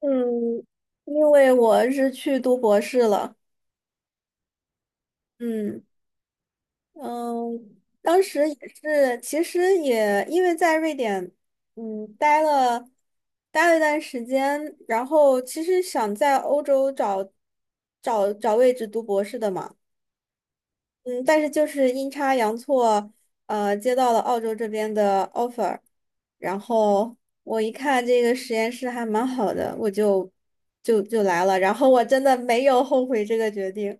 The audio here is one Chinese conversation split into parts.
嗯，因为我是去读博士了。嗯嗯，当时也是，其实也因为在瑞典，嗯，待了一段时间，然后其实想在欧洲找找位置读博士的嘛。嗯，但是就是阴差阳错，接到了澳洲这边的 offer,然后我一看这个实验室还蛮好的，我就来了，然后我真的没有后悔这个决定，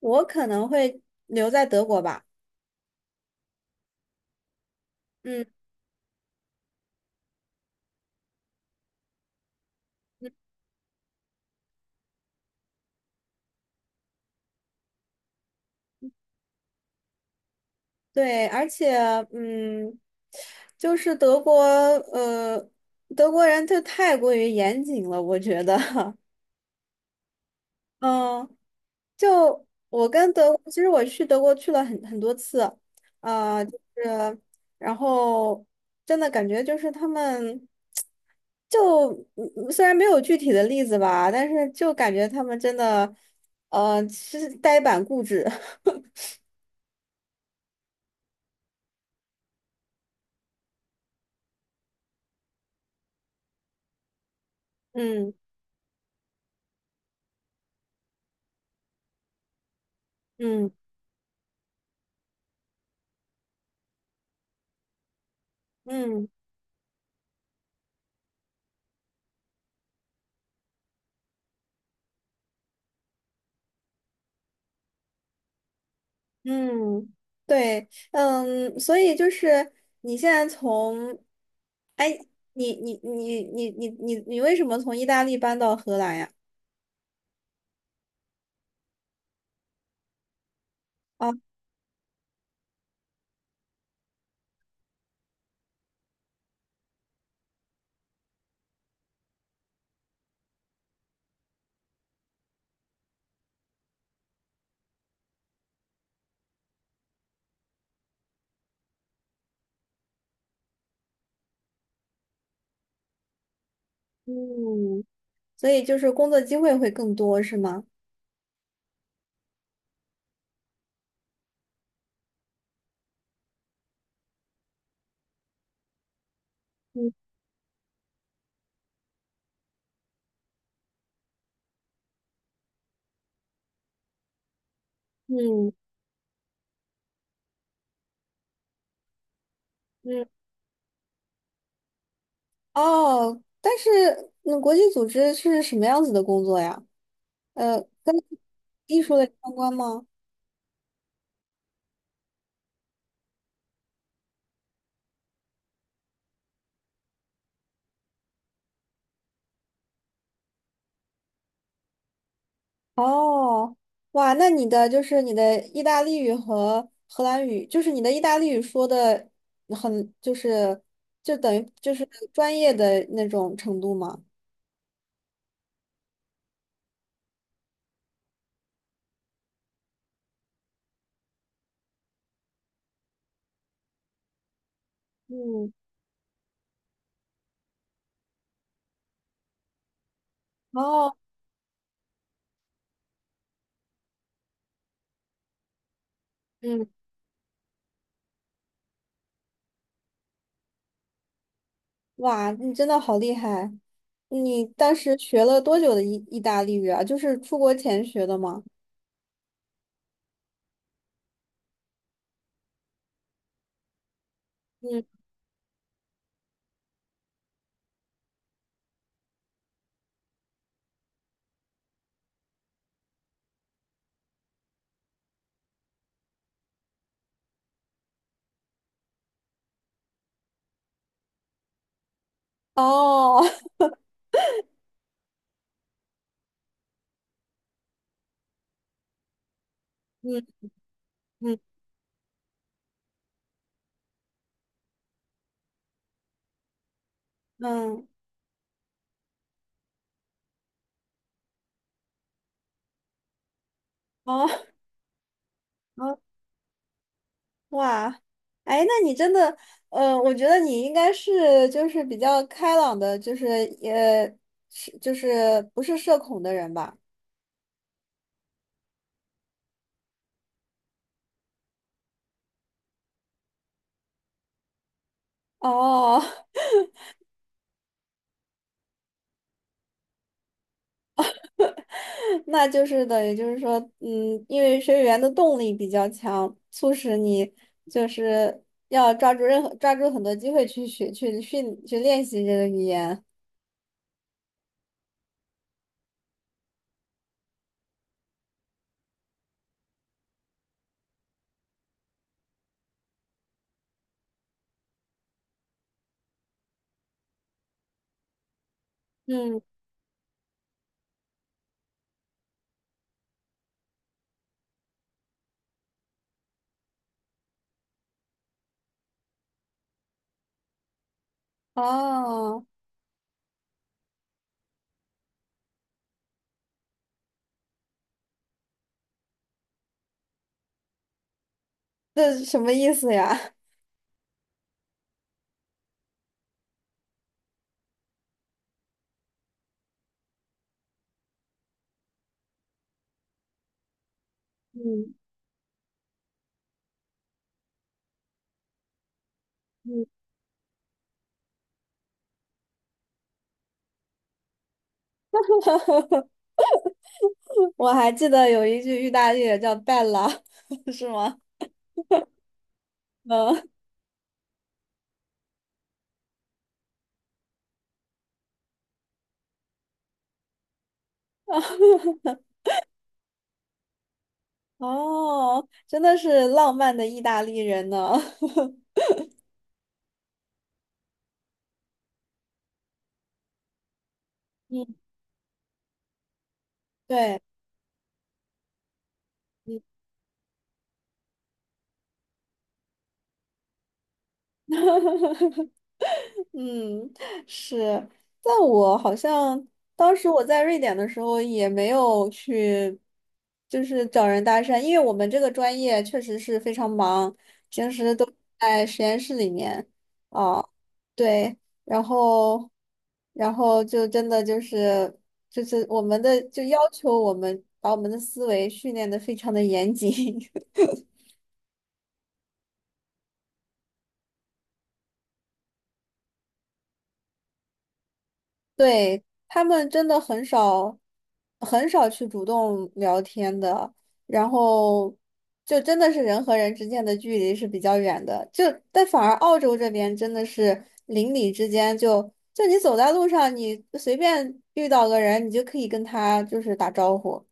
我可能会留在德国吧。嗯。对，而且嗯，就是德国，德国人就太过于严谨了，我觉得，嗯。就我跟德国，其实我去德国去了很多次，就是然后真的感觉就是他们就嗯虽然没有具体的例子吧，但是就感觉他们真的其实呆板固执，嗯嗯嗯嗯，对，嗯，所以就是你现在从，哎，你为什么从意大利搬到荷兰呀？啊，嗯所以就是工作机会会更多，是吗？嗯嗯嗯。哦，但是那国际组织是什么样子的工作呀？呃，跟艺术类相关吗？哦，哇，那你的就是你的意大利语和荷兰语，就是你的意大利语说的很，就是就等于就是专业的那种程度吗？嗯，哦，嗯。哇，你真的好厉害！你当时学了多久的意大利语啊？就是出国前学的吗？嗯，哦，嗯嗯嗯，哦哦，哇，哎，那你真的，呃，我觉得你应该是就是比较开朗的，就是也是就是不是社恐的人吧？哦，那就是等于就是说，嗯，因为学语言的动力比较强，促使你就是要抓住任何抓住很多机会去学去训去练习这个语言。嗯，哦，这是什么意思呀？嗯嗯，我还记得有一句意大利也叫 bella,是吗？嗯，哦，真的是浪漫的意大利人呢。嗯，对。嗯 嗯，是，但我好像当时我在瑞典的时候也没有去，就是找人搭讪，因为我们这个专业确实是非常忙，平时都在实验室里面，啊，对，然后，然后就真的就是我们的就要求我们把我们的思维训练的非常的严谨，对，他们真的很少，很少去主动聊天的，然后就真的是人和人之间的距离是比较远的，就但反而澳洲这边真的是邻里之间就你走在路上，你随便遇到个人，你就可以跟他就是打招呼。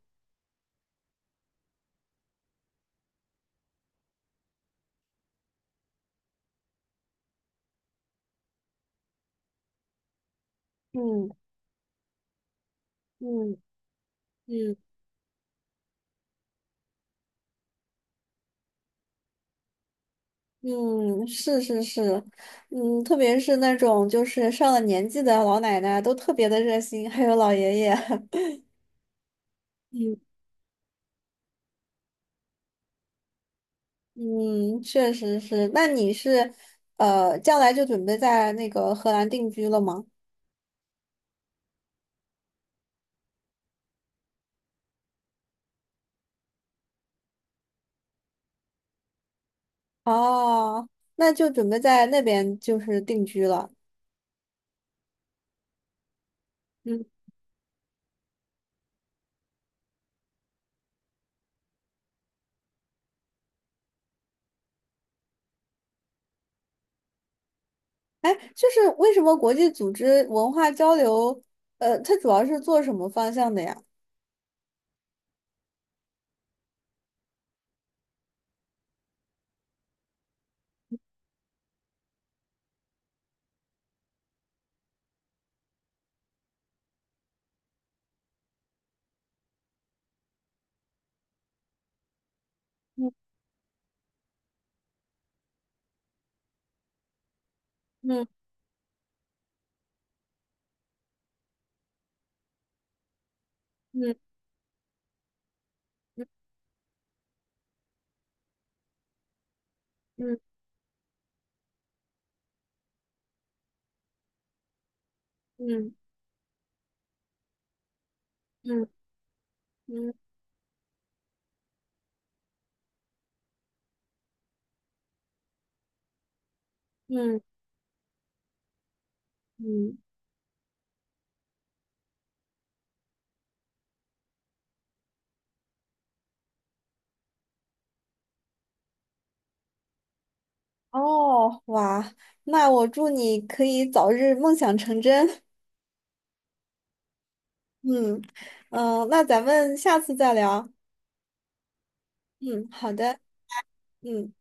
嗯嗯嗯嗯，是是是，嗯，特别是那种就是上了年纪的老奶奶都特别的热心，还有老爷爷。嗯嗯，确实是。那你是，呃，将来就准备在那个荷兰定居了吗？哦，那就准备在那边就是定居了。嗯，哎，就是为什么国际组织文化交流，呃，它主要是做什么方向的呀？嗯嗯嗯嗯嗯嗯嗯嗯嗯。哦，哇，那我祝你可以早日梦想成真。嗯嗯，呃那咱们下次再聊。嗯，好的。嗯，